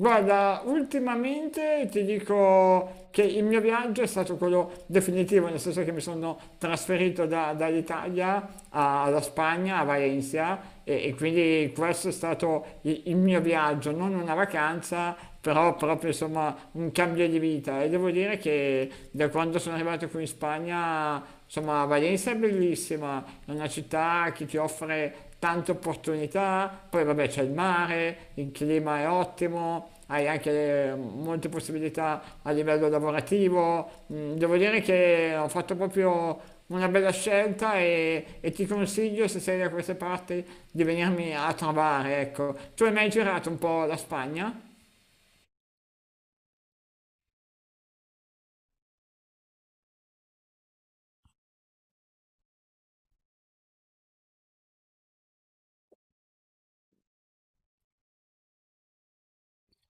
Guarda, ultimamente ti dico che il mio viaggio è stato quello definitivo, nel senso che mi sono trasferito dall'Italia alla Spagna, a Valencia, e quindi questo è stato il mio viaggio, non una vacanza, però proprio insomma un cambio di vita. E devo dire che da quando sono arrivato qui in Spagna, insomma, Valencia è bellissima, è una città che ti offre tante opportunità, poi vabbè c'è il mare, il clima è ottimo, hai anche molte possibilità a livello lavorativo. Devo dire che ho fatto proprio una bella scelta e ti consiglio, se sei da queste parti, di venirmi a trovare, ecco. Tu hai mai girato un po' la Spagna?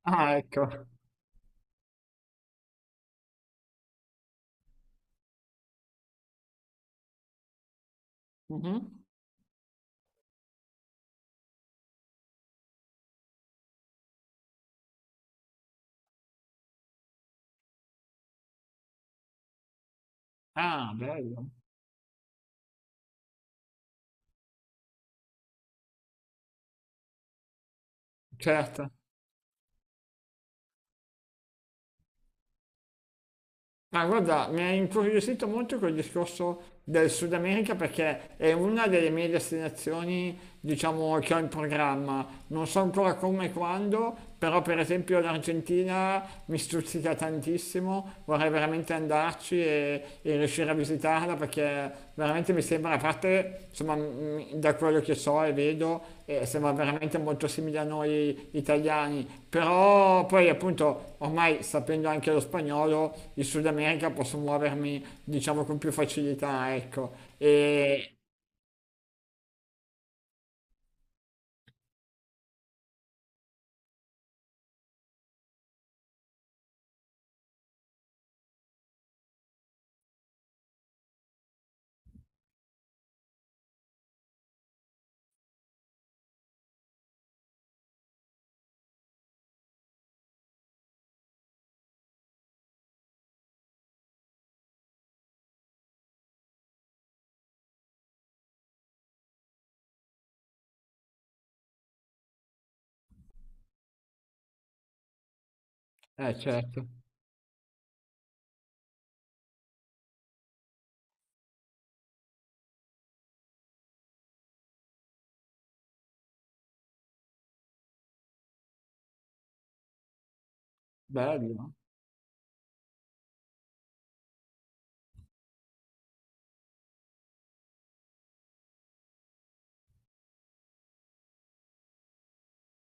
Ah, ecco. Mhm. Ah, bello. Certo. Ma guarda, mi ha incuriosito molto quel discorso del Sud America perché è una delle mie destinazioni, diciamo, che ho in programma. Non so ancora come e quando, però per esempio l'Argentina mi stuzzica tantissimo, vorrei veramente andarci e riuscire a visitare citarla perché veramente mi sembra, a parte insomma, da quello che so e vedo, sembra veramente molto simile a noi italiani, però poi appunto ormai sapendo anche lo spagnolo, in Sud America posso muovermi diciamo con più facilità, ecco. E certo, bello.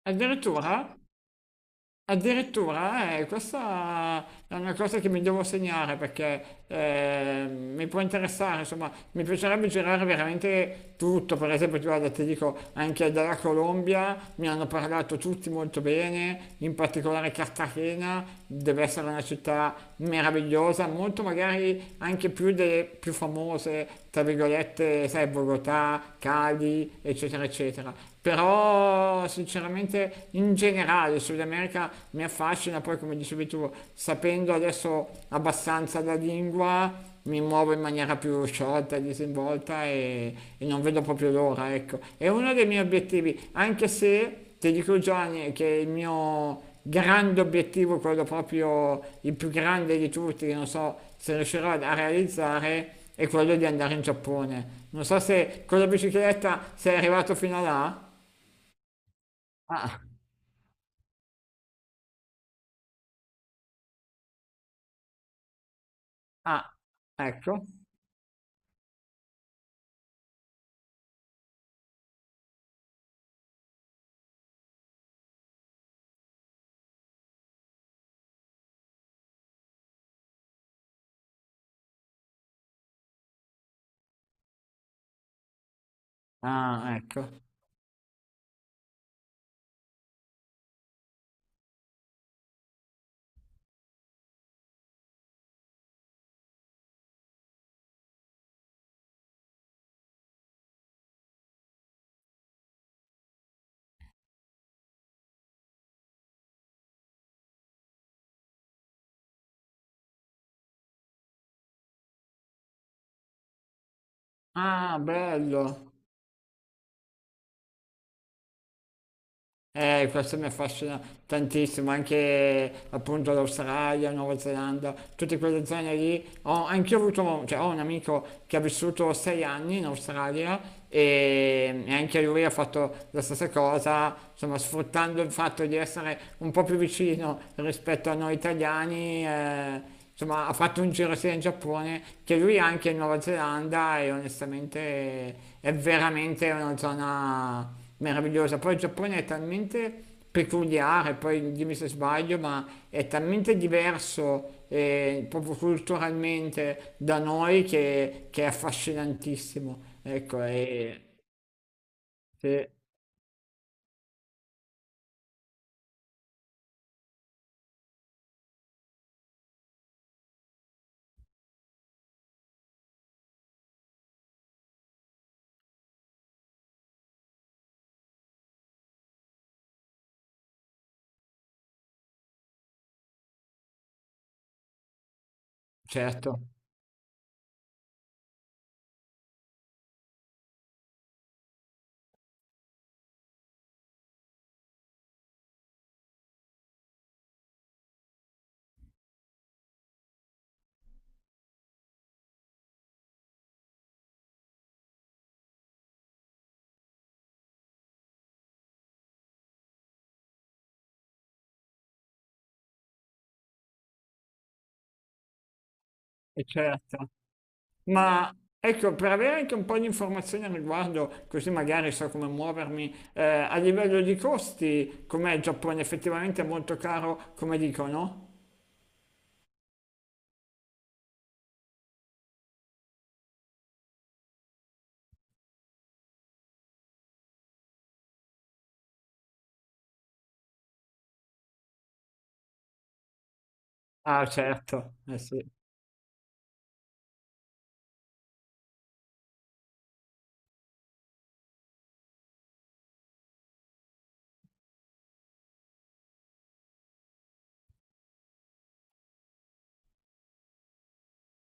Addirittura? Addirittura, questa è una cosa che mi devo segnare perché mi può interessare, insomma, mi piacerebbe girare veramente tutto, per esempio, ti guarda, ti dico, anche dalla Colombia mi hanno parlato tutti molto bene, in particolare Cartagena, deve essere una città meravigliosa, molto magari anche più delle più famose, tra virgolette, sai, Bogotà, Cali, eccetera, eccetera. Però sinceramente in generale il Sud America mi affascina, poi come dicevi tu, sapendo adesso abbastanza la lingua, mi muovo in maniera più sciolta, disinvolta e non vedo proprio l'ora, ecco. È uno dei miei obiettivi, anche se ti dico Gianni che il mio grande obiettivo, quello proprio il più grande di tutti, che non so se riuscirò a realizzare, è quello di andare in Giappone. Non so se con la bicicletta sei arrivato fino là. Ah. Ah, ecco. Ah, ecco. Ah, bello. Questo mi affascina tantissimo, anche appunto l'Australia, Nuova Zelanda, tutte quelle zone lì. Anch'io ho avuto, cioè, ho un amico che ha vissuto 6 anni in Australia e anche lui ha fatto la stessa cosa, insomma, sfruttando il fatto di essere un po' più vicino rispetto a noi italiani. Insomma, ha fatto un giro sia in Giappone che lui anche in Nuova Zelanda e onestamente è veramente una zona meravigliosa. Poi il Giappone è talmente peculiare, poi dimmi se sbaglio, ma è talmente diverso proprio culturalmente da noi che è affascinantissimo. Ecco, e- certo, e certo. Ma ecco, per avere anche un po' di informazioni al riguardo, così magari so come muovermi, a livello di costi, com'è il Giappone? Effettivamente è molto caro, come dicono? Ah, certo, eh sì.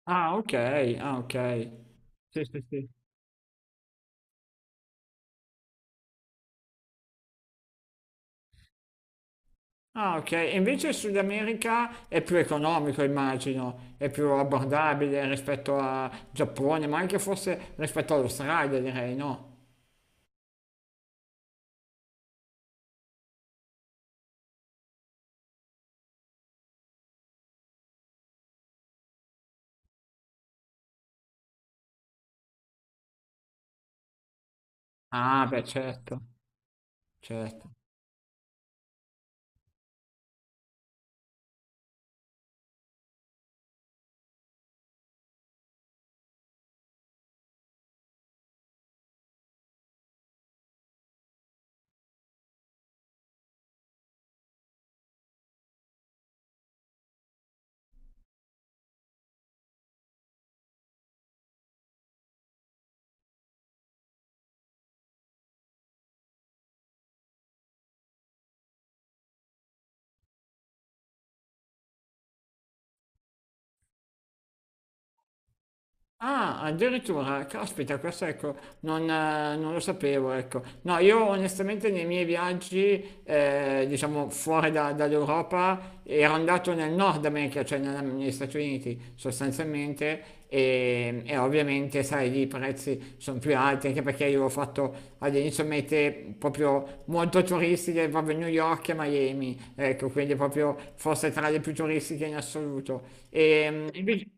Ah, ok, ah, ok. Sì, sì, sì. Ah, ok. E invece il Sud America è più economico, immagino, è più abbordabile rispetto a Giappone, ma anche forse rispetto all'Australia, direi, no? Ah, beh, certo, certo. Ah, addirittura, caspita, questo ecco, non, non lo sapevo, ecco. No, io onestamente nei miei viaggi, diciamo fuori dall'Europa, ero andato nel Nord America, cioè negli Stati Uniti sostanzialmente, e ovviamente, sai, lì i prezzi sono più alti, anche perché io ho fatto all'inizio mete proprio molto turistiche, proprio New York e Miami, ecco, quindi proprio forse tra le più turistiche in assoluto. E, invece-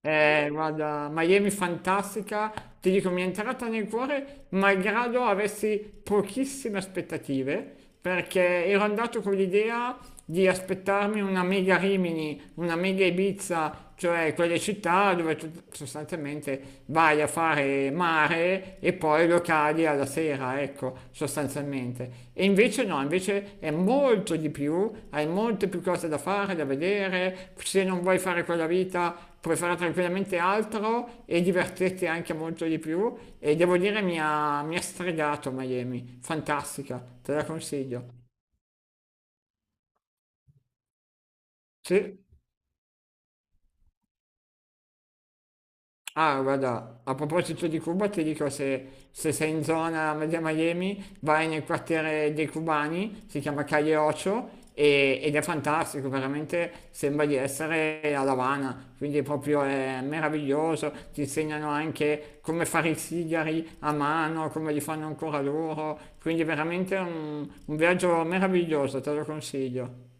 guarda, Miami fantastica, ti dico, mi è entrata nel cuore malgrado avessi pochissime aspettative, perché ero andato con l'idea di aspettarmi una mega Rimini, una mega Ibiza, cioè quelle città dove tu sostanzialmente vai a fare mare e poi locali alla sera, ecco, sostanzialmente. E invece no, invece è molto di più, hai molte più cose da fare, da vedere, se non vuoi fare quella vita puoi fare tranquillamente altro e divertirti anche molto di più e devo dire mi ha stregato Miami, fantastica, te la consiglio. Sì. Ah, guarda, a proposito di Cuba, ti dico se, se sei in zona media Miami, vai nel quartiere dei cubani, si chiama Calle Ocho, ed è fantastico, veramente sembra di essere a La Habana, quindi proprio è meraviglioso, ti insegnano anche come fare i sigari a mano, come li fanno ancora loro, quindi veramente un viaggio meraviglioso, te lo consiglio.